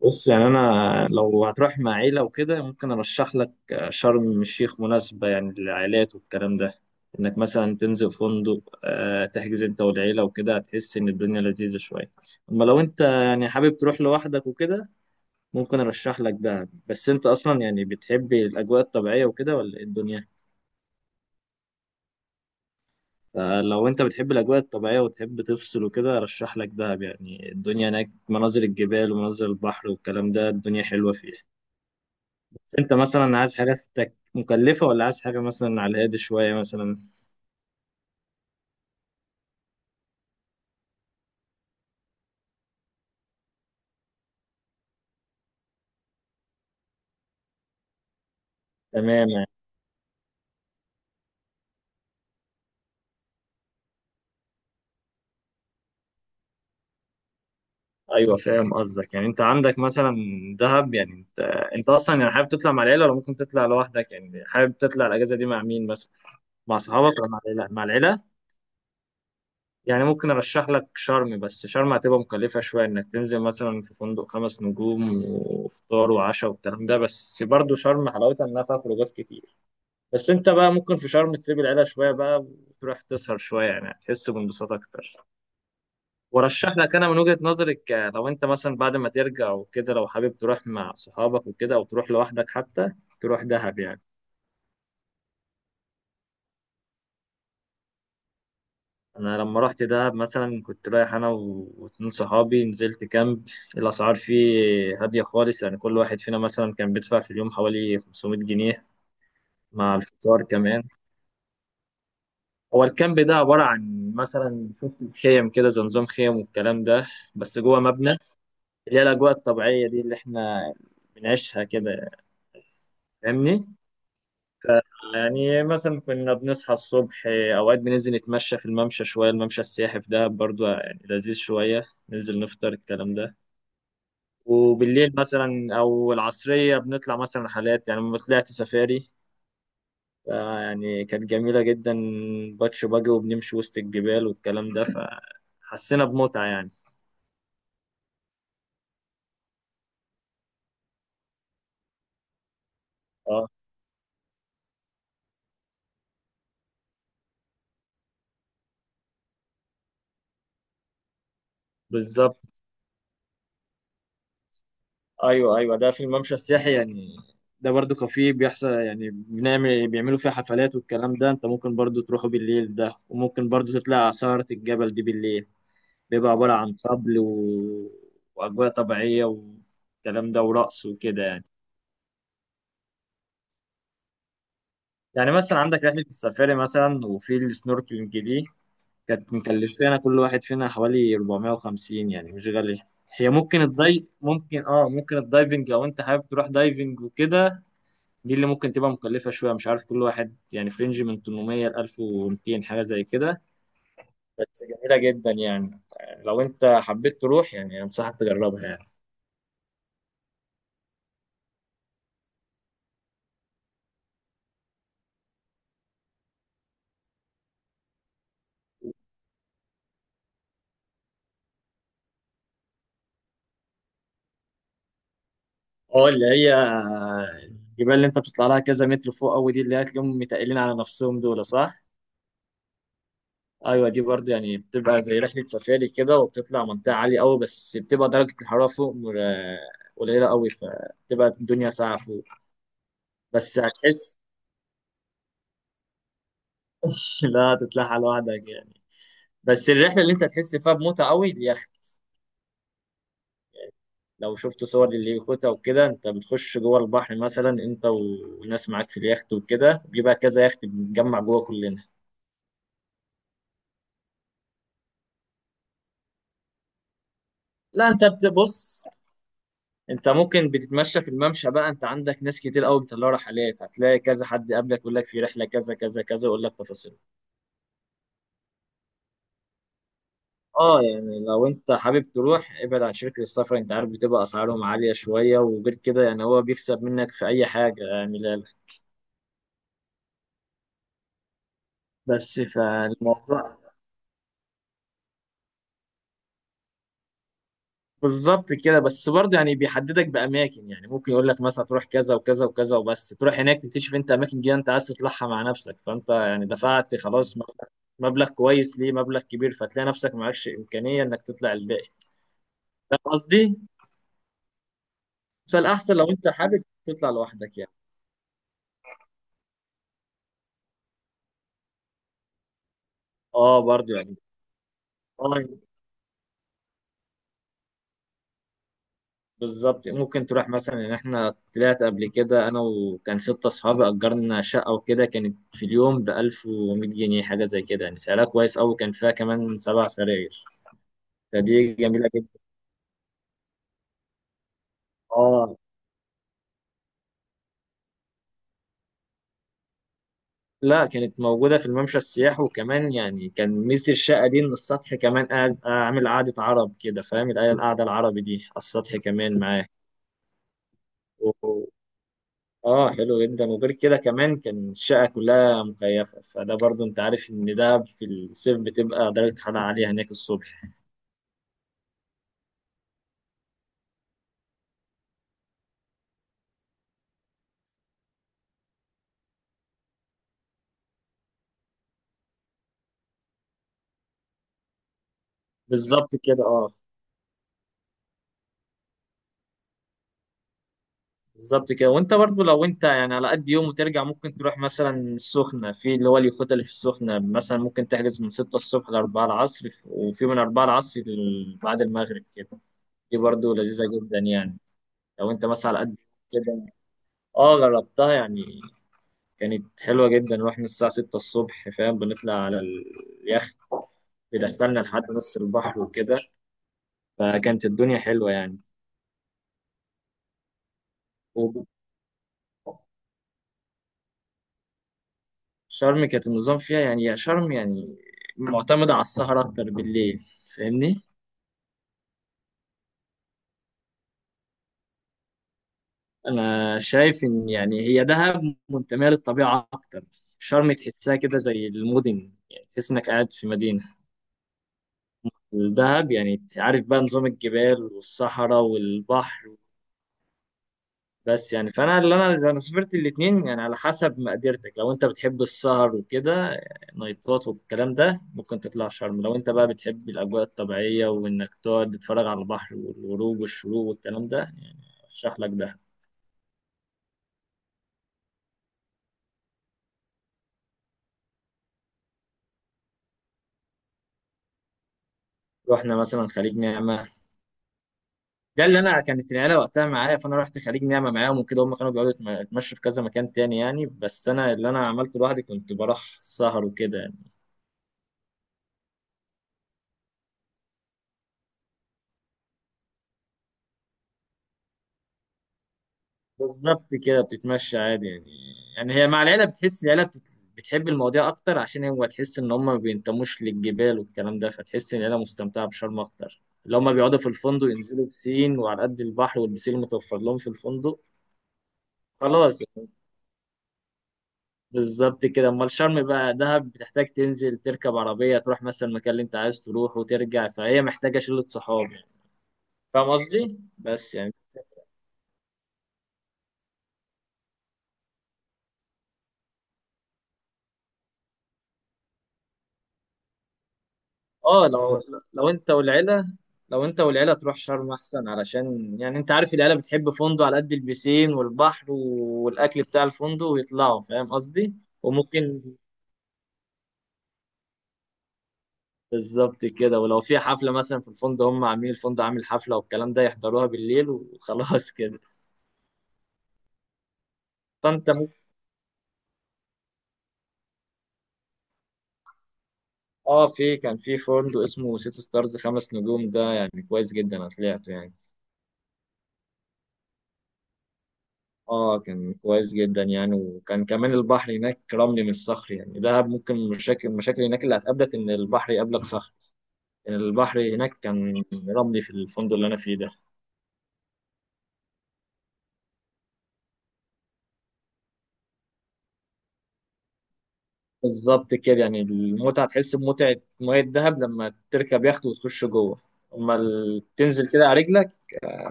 بص، يعني انا لو هتروح مع عيله وكده ممكن ارشح لك. شرم الشيخ مناسبه يعني للعائلات والكلام ده، انك مثلا تنزل فندق، تحجز انت والعيله وكده هتحس ان الدنيا لذيذه شويه. اما لو انت يعني حابب تروح لوحدك وكده ممكن ارشح لك دهب. بس انت اصلا يعني بتحب الاجواء الطبيعيه وكده ولا ايه الدنيا؟ فلو انت بتحب الاجواء الطبيعيه وتحب تفصل وكده ارشح لك دهب، يعني الدنيا هناك مناظر الجبال ومناظر البحر والكلام ده، الدنيا حلوه فيه. بس انت مثلا عايز حاجة مكلفة ولا عايز حاجة مثلا على الهادي شوية مثلا؟ تمام يعني. ايوه فاهم قصدك، يعني انت عندك مثلا دهب، يعني انت اصلا يعني حابب تطلع مع العيلة ولا ممكن تطلع لوحدك؟ يعني حابب تطلع الاجازة دي مع مين مثلا؟ مع اصحابك ولا مع العيلة؟ مع العيلة، يعني ممكن ارشح لك شرم، بس شرم هتبقى مكلفة شوية، انك تنزل مثلا في فندق 5 نجوم وفطار وعشاء والكلام ده، بس برضه شرم حلاوتها انها فيها خروجات كتير. بس انت بقى ممكن في شرم تسيب العيله شويه بقى، وتروح تسهر شويه، يعني هتحس بانبساط اكتر. ورشح لك انا من وجهه نظري، لو انت مثلا بعد ما ترجع وكده، لو حابب تروح مع صحابك وكده او تروح لوحدك حتى، تروح دهب يعني. انا لما رحت دهب مثلا كنت رايح انا واتنين صحابي، نزلت كامب. الاسعار فيه هاديه خالص، يعني كل واحد فينا مثلا كان بيدفع في اليوم حوالي 500 جنيه مع الفطار كمان. هو الكامب ده عباره عن مثلا، شفت، خيم كده، زي نظام خيم والكلام ده، بس جوه مبنى، اللي هي الأجواء الطبيعية دي اللي إحنا بنعيشها كده. فاهمني؟ ف- يعني مثلا كنا بنصحى الصبح، أوقات بننزل نتمشى في الممشى شوية، الممشى السياحي في دهب برضو يعني لذيذ شوية، ننزل نفطر الكلام ده. وبالليل مثلا أو العصرية بنطلع مثلا رحلات، يعني لما طلعت سفاري يعني كانت جميلة جدا. باتش باجي وبنمشي وسط الجبال والكلام ده، فحسينا بمتعة يعني. اه، بالظبط. ايوه ايوه، ده في الممشى السياحي يعني، ده برضو كافيه بيحصل، يعني بيعملوا فيه حفلات والكلام ده. انت ممكن برضو تروحوا بالليل ده، وممكن برضو تطلع على سهرة الجبل دي بالليل. بيبقى عبارة عن طبل واجواء طبيعية والكلام ده، ورقص وكده يعني. يعني مثلا عندك رحلة السفاري مثلا وفي السنوركلينج دي، كانت مكلفانا كل واحد فينا حوالي 450، يعني مش غالية. هي ممكن الداي ممكن اه ممكن الدايفنج، لو انت حابب تروح دايفنج وكده، دي اللي ممكن تبقى مكلفة شوية، مش عارف، كل واحد يعني فرنج من 800 ل 1200، حاجة زي كده. بس جميلة جدا يعني، لو انت حبيت تروح يعني انصحك تجربها يعني. اه، اللي هي الجبال اللي انت بتطلع لها كذا متر فوق قوي دي، اللي هتلاقيهم متقلين على نفسهم دول، صح؟ ايوه، دي برضه يعني بتبقى زي رحلة سفاري كده، وبتطلع منطقة عالية قوي، بس بتبقى درجة الحرارة فوق قليلة قوي، فبتبقى الدنيا ساقعة فوق. بس هتحس لا تطلعها لوحدك يعني. بس الرحله اللي انت هتحس فيها بمتعه قوي، اليخت. لو شفت صور لليخوتة وكده، انت بتخش جوه البحر مثلا انت وناس معاك في اليخت وكده، بيبقى كذا يخت بنتجمع جوه كلنا. لا، انت بتبص، انت ممكن بتتمشى في الممشى بقى، انت عندك ناس كتير قوي بيطلعوا رحلات، هتلاقي كذا حد قبلك يقول لك في رحله كذا كذا كذا، يقول لك تفاصيل. اه، يعني لو انت حابب تروح ابعد عن شركه السفر، انت عارف بتبقى اسعارهم عاليه شويه، وغير كده يعني هو بيكسب منك في اي حاجه يعني. لا لا. بس فالموضوع بالظبط كده، بس برضه يعني بيحددك باماكن، يعني ممكن يقول لك مثلا تروح كذا وكذا وكذا، وبس تروح هناك تكتشف انت اماكن جديده انت عايز تطلعها مع نفسك، فانت يعني دفعت خلاص مبلغ كويس، ليه، مبلغ كبير، فتلاقي نفسك معكش امكانيه انك تطلع الباقي. فاهم قصدي؟ فالاحسن لو انت حابب تطلع لوحدك يعني. اه، برضه يعني. اه، بالظبط، ممكن تروح مثلا، ان احنا طلعت قبل كده انا وكان 6 اصحابي، اجرنا شقة وكده، كانت في اليوم ب 1100 جنيه حاجة زي كده، يعني سعرها كويس قوي، كان فيها كمان 7 سراير، فدي جميلة جدا. اه لا، كانت موجودة في الممشى السياحي، وكمان يعني كان ميزة الشقة دي ان السطح كمان قاعد اعمل قعدة عرب كده، فاهم القعدة العربي دي على السطح كمان معاه. اه حلو جدا، وغير كده كمان كان الشقة كلها مكيفة، فده برضو انت عارف ان ده في الصيف بتبقى درجة حرارة عالية هناك الصبح. بالظبط كده. اه، بالظبط كده، وانت برضو لو انت يعني على قد يوم وترجع، ممكن تروح مثلا السخنة، في اللي هو اليخوت اللي في السخنة مثلا ممكن تحجز من 6 الصبح ل 4 العصر، وفي من 4 العصر بعد المغرب كده. دي برضو لذيذة جدا يعني، لو انت مثلا على قد كده. اه جربتها يعني، كانت حلوة جدا، رحنا الساعة 6 الصبح، فاهم، بنطلع على اليخت، بيدخلنا لحد نص البحر وكده، فكانت الدنيا حلوة يعني. وشرم كانت النظام فيها يعني، يا شرم يعني معتمدة على السهر أكتر بالليل. فاهمني؟ أنا شايف إن يعني هي دهب منتمية للطبيعة أكتر، شرم تحسها كده زي المدن، يعني تحس إنك قاعد في مدينة. الدهب يعني عارف بقى نظام الجبال والصحراء والبحر. بس يعني فانا اللي انا سافرت الاثنين يعني، على حسب مقدرتك، لو انت بتحب السهر وكده نايتات والكلام ده ممكن تطلع شرم. لو انت بقى بتحب الاجواء الطبيعيه وانك تقعد تتفرج على البحر والغروب والشروق والكلام ده يعني ارشح لك ده. رحنا مثلا خليج نعمه، ده اللي انا كانت العيله وقتها معايا، فانا رحت خليج نعمه معاهم وكده، هم كانوا بيقعدوا يتمشوا في كذا مكان تاني يعني، بس انا اللي انا عملته لوحدي كنت بروح سهر وكده يعني. بالظبط كده، بتتمشى عادي يعني، يعني هي مع العيلة بتحس العيلة بتحب المواضيع أكتر، عشان هو تحس إن هم ما بينتموش للجبال والكلام ده، فتحس إن العيلة مستمتعة بشرم أكتر، اللي هم بيقعدوا في الفندق ينزلوا بسين وعلى قد البحر والبسين المتوفر لهم في الفندق. خلاص يعني، بالظبط كده. أمال شرم بقى، دهب بتحتاج تنزل تركب عربية تروح مثلا المكان اللي أنت عايز تروح وترجع، فهي محتاجة شلة صحاب يعني. فاهم قصدي؟ بس يعني، اه لو انت والعيله، تروح شرم احسن، علشان يعني انت عارف العيله بتحب فندق على قد البسين والبحر والاكل بتاع الفندق ويطلعوا. فاهم قصدي؟ وممكن، بالظبط كده، ولو في حفله مثلا في الفندق، هم عاملين الفندق عامل حفله والكلام ده يحضروها بالليل وخلاص كده. فانت ممكن. اه، في كان في فندق اسمه سيتي ستارز، 5 نجوم، ده يعني كويس جدا، انا طلعته يعني. اه كان كويس جدا يعني، وكان كمان البحر هناك رملي مش صخري، يعني دهب ممكن مشاكل هناك اللي هتقابلك ان البحر يقابلك صخري، يعني البحر هناك كان رملي في الفندق اللي انا فيه ده. بالظبط كده، يعني المتعة تحس بمتعة مية دهب لما تركب يخت وتخش جوه، اما تنزل كده على رجلك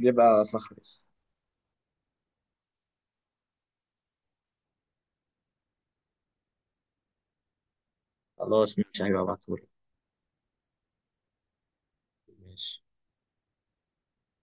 بيبقى صخري. خلاص ماشي، هيبقى بعتهولك. ماشي.